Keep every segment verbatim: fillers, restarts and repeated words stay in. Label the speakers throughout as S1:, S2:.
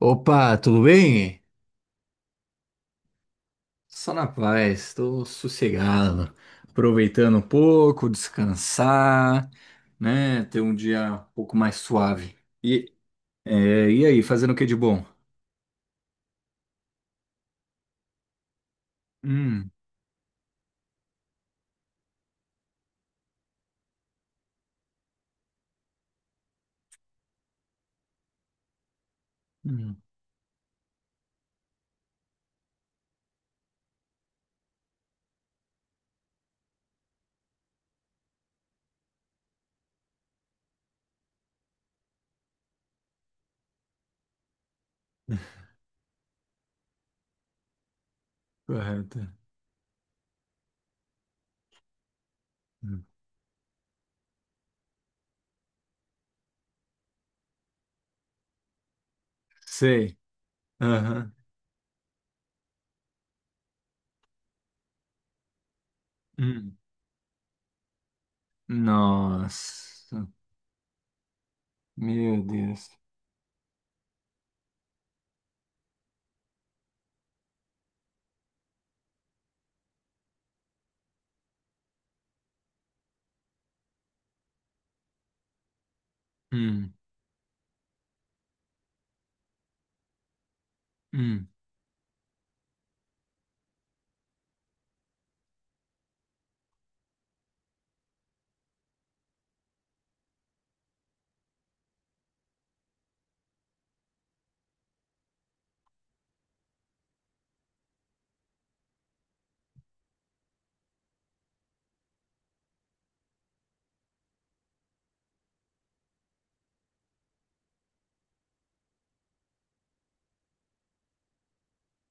S1: Opa, tudo bem? Só na paz, estou sossegado, aproveitando um pouco, descansar, né? Ter um dia um pouco mais suave. E, é, e aí, fazendo o que de bom? Hum, hum, correto. Hum, Sei. Aham. Hum, nossa, meu Deus. Hum, hum,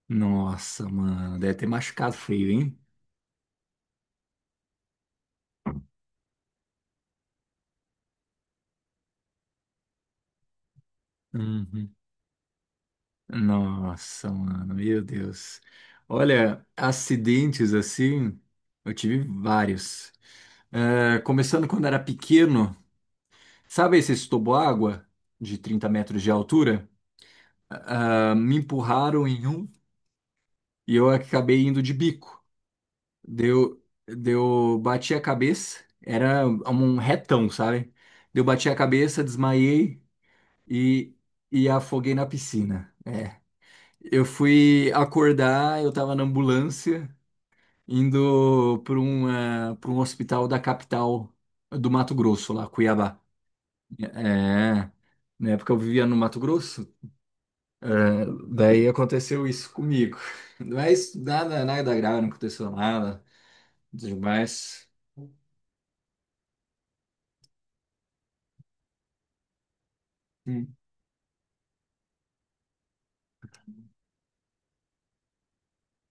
S1: nossa, mano, deve ter machucado feio, hein? Nossa, mano, meu Deus. Olha, acidentes assim, eu tive vários. É, começando quando era pequeno, sabe esses toboágua de trinta metros de altura? Ah, me empurraram em um e eu acabei indo de bico. Deu, deu, bati a cabeça, era um retão, sabe? Deu, bati a cabeça, desmaiei e, e afoguei na piscina. É, eu fui acordar, eu tava na ambulância indo para um, eh, pra um hospital da capital do Mato Grosso, lá, Cuiabá. É, na época eu vivia no Mato Grosso, né? Daí aconteceu isso comigo. Mas nada, nada grave, não aconteceu nada demais. Hum,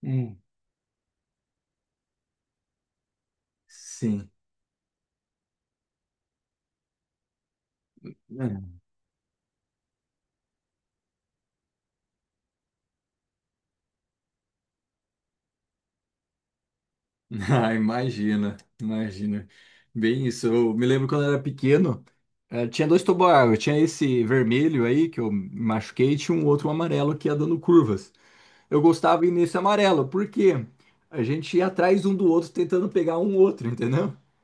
S1: hum. Sim. É. Ah, imagina, imagina. Bem isso, eu me lembro quando eu era pequeno, eh, tinha dois toboágua, tinha esse vermelho aí que eu me machuquei, e tinha um outro amarelo que ia dando curvas. Eu gostava ir nesse amarelo, porque a gente ia atrás um do outro tentando pegar um outro, entendeu?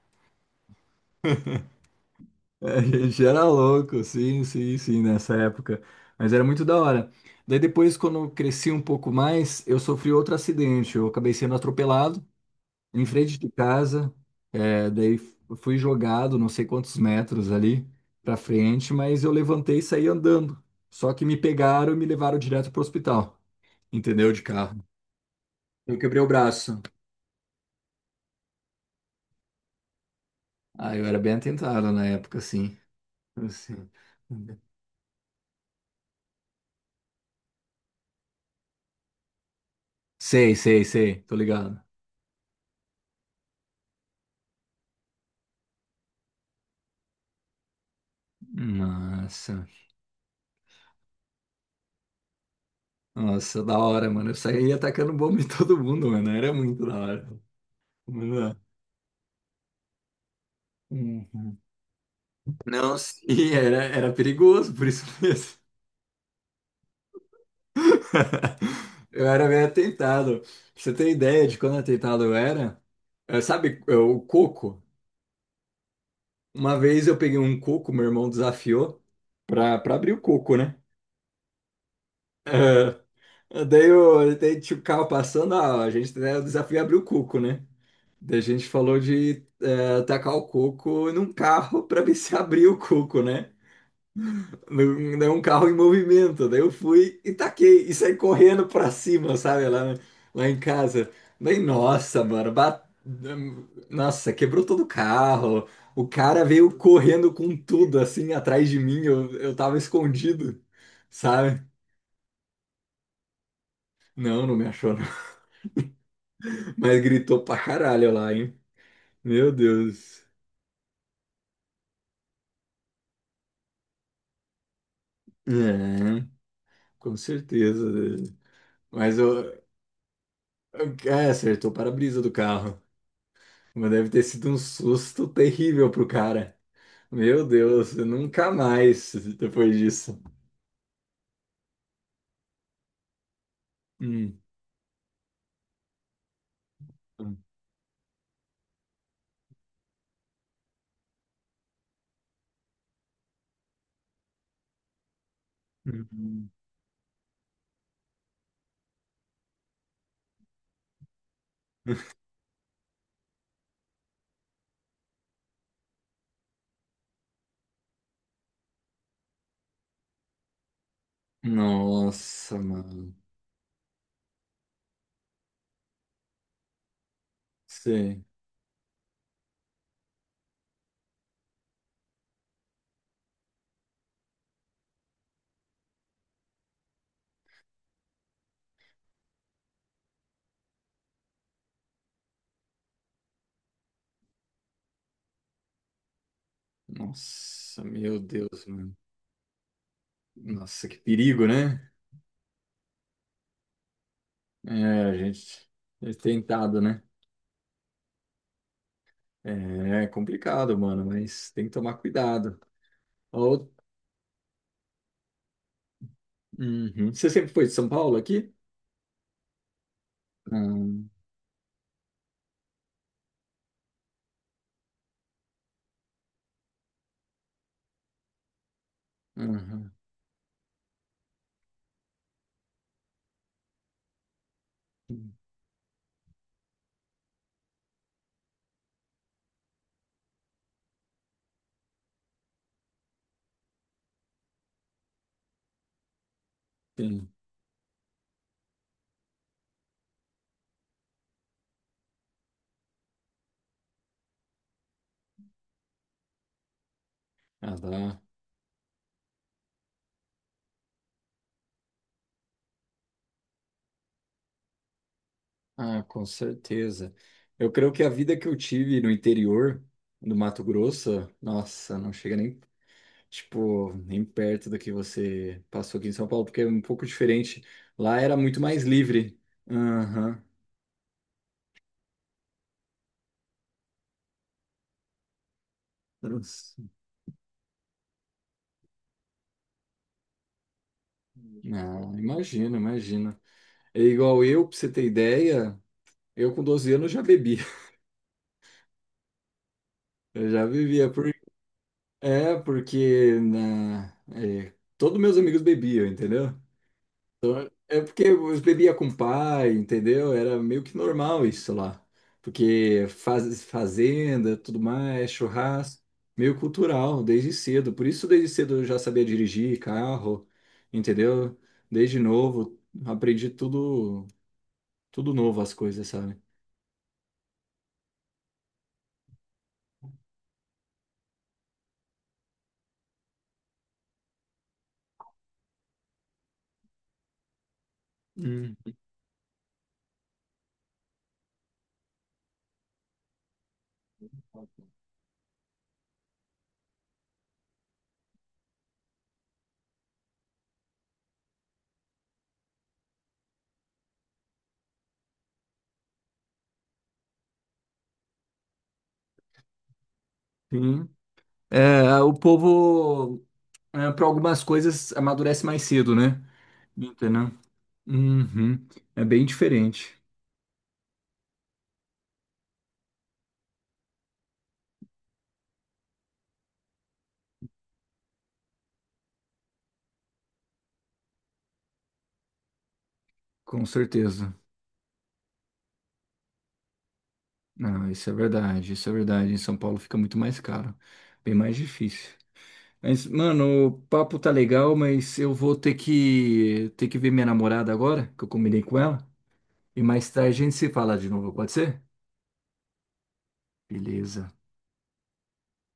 S1: A gente era louco, sim, sim, sim, nessa época. Mas era muito da hora. Daí depois, quando eu cresci um pouco mais, eu sofri outro acidente. Eu acabei sendo atropelado em frente de casa. É, daí f- fui jogado não sei quantos metros ali pra frente, mas eu levantei e saí andando. Só que me pegaram e me levaram direto pro hospital, entendeu? De carro. Eu quebrei o braço. Ah, eu era bem atentado na época, sim. Assim. Sei, sei, sei, tô ligado. Nossa, nossa, da hora, mano. Eu saía atacando bomba em todo mundo, mano. Era muito da hora. Mano, uhum. Não, sim, era, era perigoso, por isso mesmo. Eu era bem atentado. Pra você ter ideia de quando atentado eu era, eh, sabe, eh, o coco? Uma vez eu peguei um coco, meu irmão desafiou pra, pra abrir o coco, né? Daí, o, daí tinha o carro passando, ah, a gente, né, o desafio é abrir o cuco, né? Daí a gente falou de eh, tacar o coco num carro para ver se abria o coco, né? Num, num carro em movimento. Daí eu fui e taquei e saí correndo para cima, sabe? Lá, lá em casa. Daí, nossa, mano, ba- nossa, quebrou todo o carro. O cara veio correndo com tudo assim atrás de mim. Eu, eu tava escondido, sabe? Não, não me achou. Mas gritou pra caralho lá, hein? Meu Deus. É, com certeza. Mas eu, eu- é, acertou o para-brisa do carro. Mas deve ter sido um susto terrível pro cara. Meu Deus, nunca mais depois disso. Hum. Hum. Hum. Nossa, mano. Sei. Nossa, meu Deus, mano. Nossa, que perigo, né? É, a gente é tentado, né? É complicado, mano, mas tem que tomar cuidado. Ó, uhum. Você sempre foi de São Paulo aqui? Hum, uhum. Sim. Ah, dá. Ah, com certeza. Eu creio que a vida que eu tive no interior do Mato Grosso, nossa, não chega nem, tipo, nem perto do que você passou aqui em São Paulo, porque é um pouco diferente. Lá era muito mais livre. Aham. Nossa. Ah, imagina, imagina. É igual eu, pra você ter ideia. Eu com doze anos já bebia. Eu já bebia. Por... É, porque na... é, todos meus amigos bebiam, entendeu? É porque eu bebia com o pai, entendeu? Era meio que normal isso lá. Porque faz... fazenda, tudo mais, churrasco, meio cultural, desde cedo. Por isso, desde cedo eu já sabia dirigir carro, entendeu? Desde novo, aprendi tudo, tudo novo as coisas, sabe? Hum. Sim. É, o povo. Para algumas coisas amadurece mais cedo, né? Entendeu? Uhum. É bem diferente, com certeza. Não, isso é verdade, isso é verdade. Em São Paulo fica muito mais caro, bem mais difícil. Mas, mano, o papo tá legal, mas eu vou ter que ter que ver minha namorada agora, que eu combinei com ela. E mais tarde a gente se fala de novo, pode ser? Beleza.